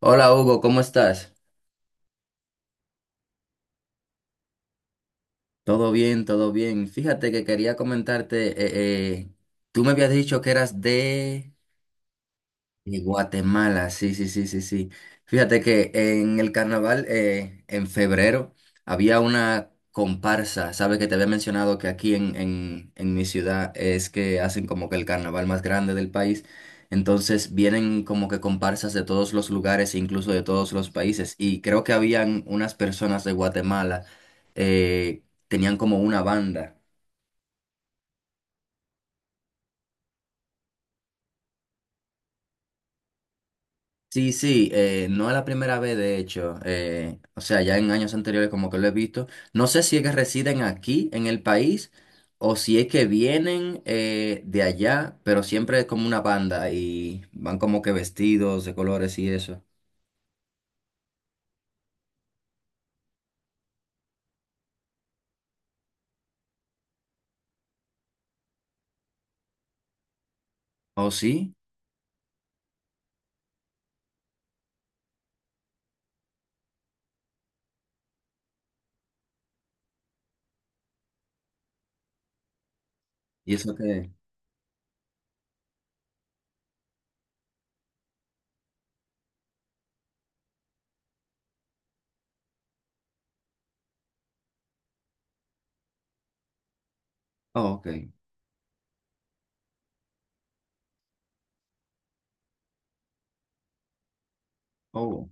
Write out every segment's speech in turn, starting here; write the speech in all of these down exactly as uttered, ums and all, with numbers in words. Hola Hugo, ¿cómo estás? Todo bien, todo bien. Fíjate que quería comentarte, eh, eh, tú me habías dicho que eras de... Y Guatemala, sí, sí, sí, sí, sí. Fíjate que en el carnaval, eh, en febrero, había una comparsa. Sabes que te había mencionado que aquí en, en, en mi ciudad es que hacen como que el carnaval más grande del país. Entonces vienen como que comparsas de todos los lugares, e incluso de todos los países. Y creo que habían unas personas de Guatemala, eh, tenían como una banda. Sí, sí, eh, no es la primera vez, de hecho. Eh, o sea, ya en años anteriores como que lo he visto. No sé si es que residen aquí en el país o si es que vienen eh, de allá, pero siempre es como una banda y van como que vestidos de colores y eso. ¿Oh, sí? ¿Y eso qué? Oh, ok. Oh,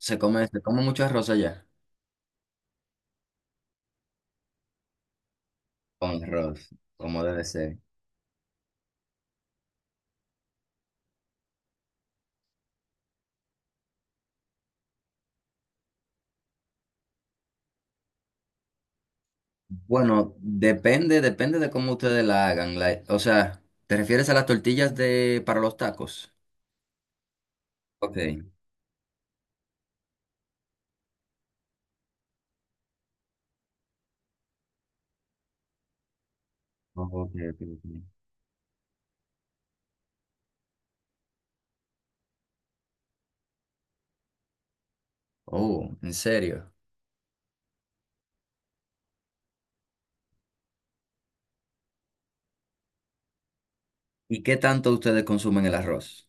se come, se come mucho arroz allá. Con arroz, como debe ser. Bueno, depende, depende de cómo ustedes la hagan. La- o sea, ¿te refieres a las tortillas de para los tacos? Ok. Oh, ok, ok, ok. Oh, ¿en serio? ¿Y qué tanto ustedes consumen el arroz?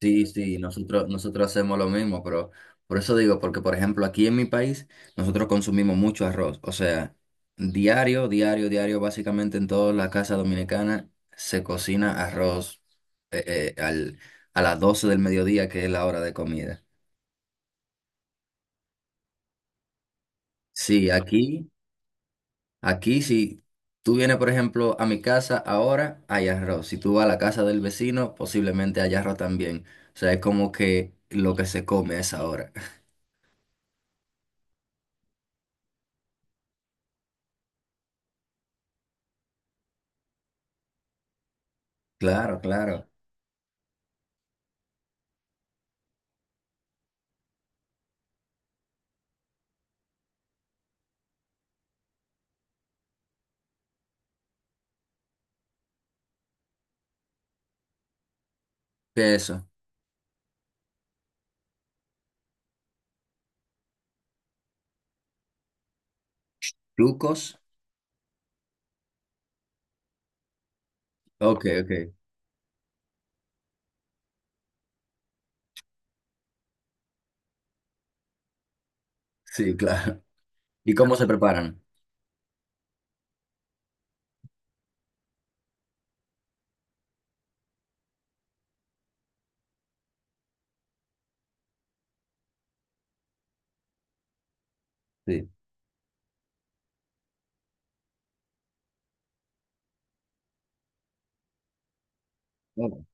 Sí, sí, nosotros, nosotros hacemos lo mismo, pero por eso digo, porque por ejemplo aquí en mi país nosotros consumimos mucho arroz, o sea, diario, diario, diario, básicamente en toda la casa dominicana se cocina arroz eh, eh, al, a las doce del mediodía, que es la hora de comida. Sí, aquí. Aquí, si tú vienes, por ejemplo, a mi casa ahora, hay arroz. Si tú vas a la casa del vecino, posiblemente haya arroz también. O sea, es como que lo que se come es ahora. Claro, claro. ¿Qué es eso? ¿Trucos? Ok, ok. Sí, claro. ¿Y cómo se preparan? Sí. Oh.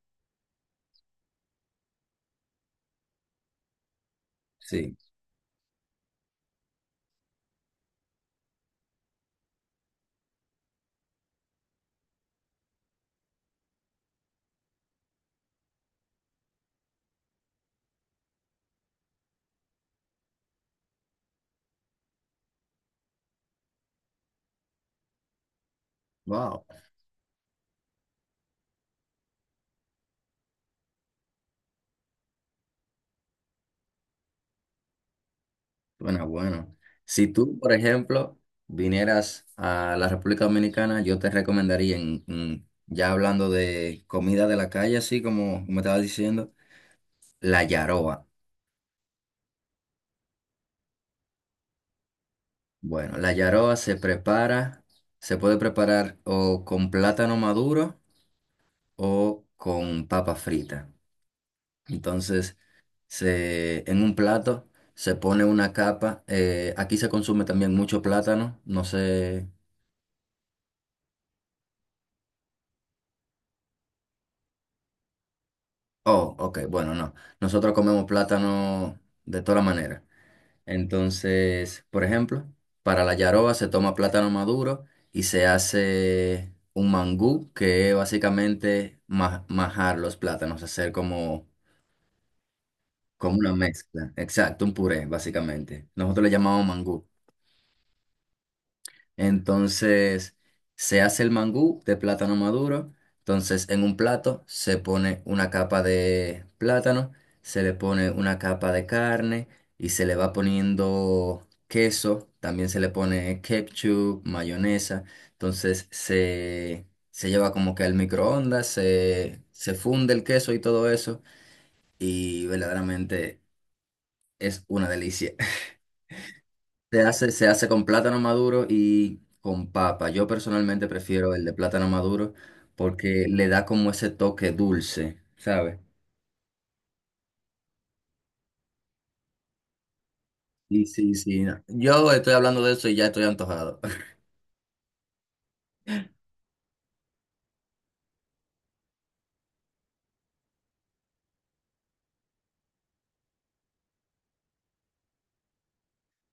Sí. Wow. Bueno, bueno. Si tú, por ejemplo, vinieras a la República Dominicana, yo te recomendaría, en- en- ya hablando de comida de la calle, así como me estaba diciendo, la yaroa. Bueno, la yaroa se prepara, se puede preparar o con plátano maduro o con papa frita. Entonces, se, en un plato se pone una capa. Eh, aquí se consume también mucho plátano. No sé. Oh, ok, bueno, no. Nosotros comemos plátano de toda manera. Entonces, por ejemplo, para la yaroba se toma plátano maduro y se hace un mangú, que es básicamente ma- majar los plátanos, hacer como, como una mezcla. Exacto, un puré, básicamente. Nosotros le llamamos mangú. Entonces se hace el mangú de plátano maduro. Entonces en un plato se pone una capa de plátano, se le pone una capa de carne y se le va poniendo queso. También se le pone ketchup, mayonesa. Entonces se, se lleva como que al microondas, se, se funde el queso y todo eso. Y verdaderamente es una delicia. Se hace, se hace con plátano maduro y con papa. Yo personalmente prefiero el de plátano maduro porque le da como ese toque dulce, ¿sabes? Y sí, sí. No. Yo estoy hablando de eso y ya estoy antojado.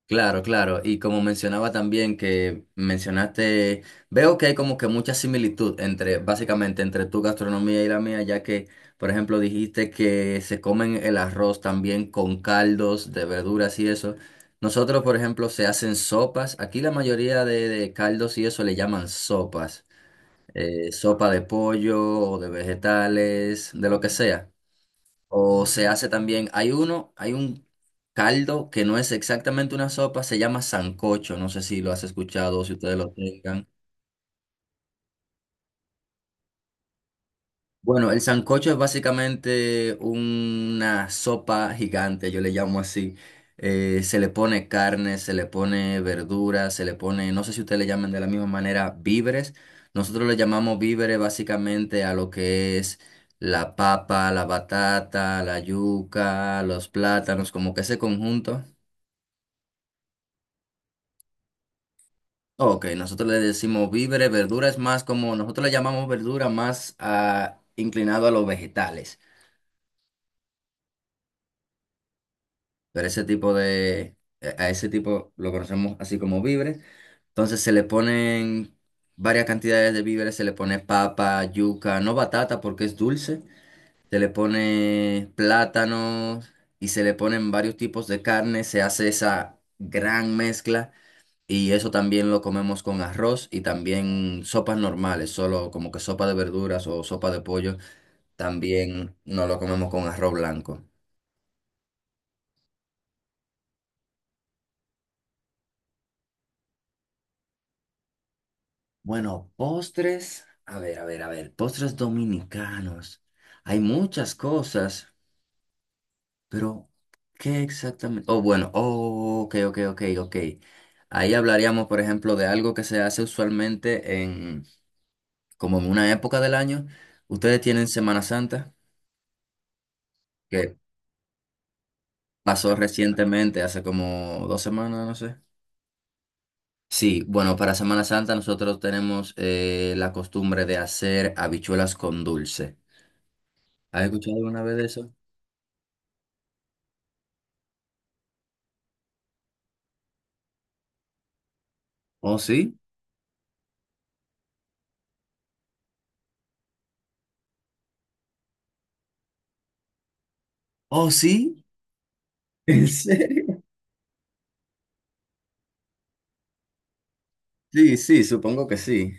Claro, claro. Y como mencionaba también que mencionaste, veo que hay como que mucha similitud entre, básicamente, entre tu gastronomía y la mía, ya que, por ejemplo, dijiste que se comen el arroz también con caldos de verduras y eso. Nosotros, por ejemplo, se hacen sopas. Aquí la mayoría de, de caldos y eso le llaman sopas. Eh, sopa de pollo o de vegetales, de lo que sea. O se hace también, hay uno, hay un caldo que no es exactamente una sopa, se llama sancocho, no sé si lo has escuchado o si ustedes lo tengan. Bueno, el sancocho es básicamente una sopa gigante, yo le llamo así. Eh, se le pone carne, se le pone verduras, se le pone, no sé si ustedes le llaman de la misma manera, víveres. Nosotros le llamamos víveres básicamente a lo que es la papa, la batata, la yuca, los plátanos, como que ese conjunto. Ok, nosotros le decimos víveres, verdura es más como, nosotros le llamamos verdura más a- inclinado a los vegetales, pero ese tipo de, e, a ese tipo lo conocemos así como víveres. Entonces se le ponen varias cantidades de víveres, se le pone papa, yuca, no batata porque es dulce, se le pone plátano y se le ponen varios tipos de carne, se hace esa gran mezcla. Y eso también lo comemos con arroz y también sopas normales, solo como que sopa de verduras o sopa de pollo, también no lo comemos con arroz blanco. Bueno, postres, a ver, a ver, a ver, postres dominicanos. Hay muchas cosas, pero ¿qué exactamente? Oh, bueno, oh, ok, ok, ok, ok. Ahí hablaríamos, por ejemplo, de algo que se hace usualmente en, como en una época del año. Ustedes tienen Semana Santa que pasó recientemente, hace como dos semanas, no sé. Sí, bueno, para Semana Santa nosotros tenemos eh, la costumbre de hacer habichuelas con dulce. ¿Has escuchado alguna vez de eso? ¿Oh, sí? ¿Oh, sí? ¿En serio? Sí, sí, supongo que sí.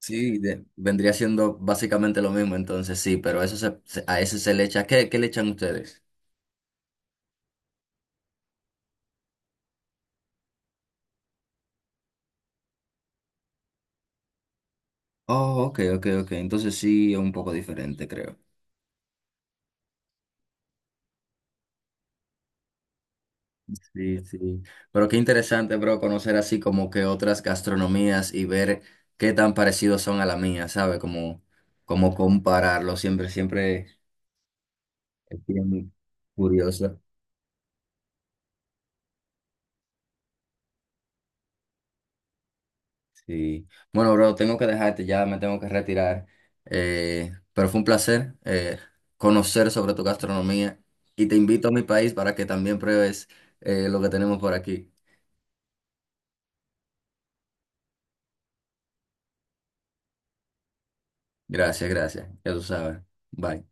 Sí, de- vendría siendo básicamente lo mismo, entonces sí, pero eso se- se- a ese se le echa. ¿Qué, qué le echan ustedes? Oh, ok, ok, ok. Entonces sí, es un poco diferente, creo. Sí, sí. Pero qué interesante, bro, conocer así como que otras gastronomías y ver qué tan parecidos son a la mía, ¿sabe? Como, como compararlo. Siempre, siempre es bien curioso. Sí. Bueno, bro, tengo que dejarte ya, me tengo que retirar. Eh, pero fue un placer eh, conocer sobre tu gastronomía y te invito a mi país para que también pruebes eh, lo que tenemos por aquí. Gracias, gracias. Ya tú sabes. Bye.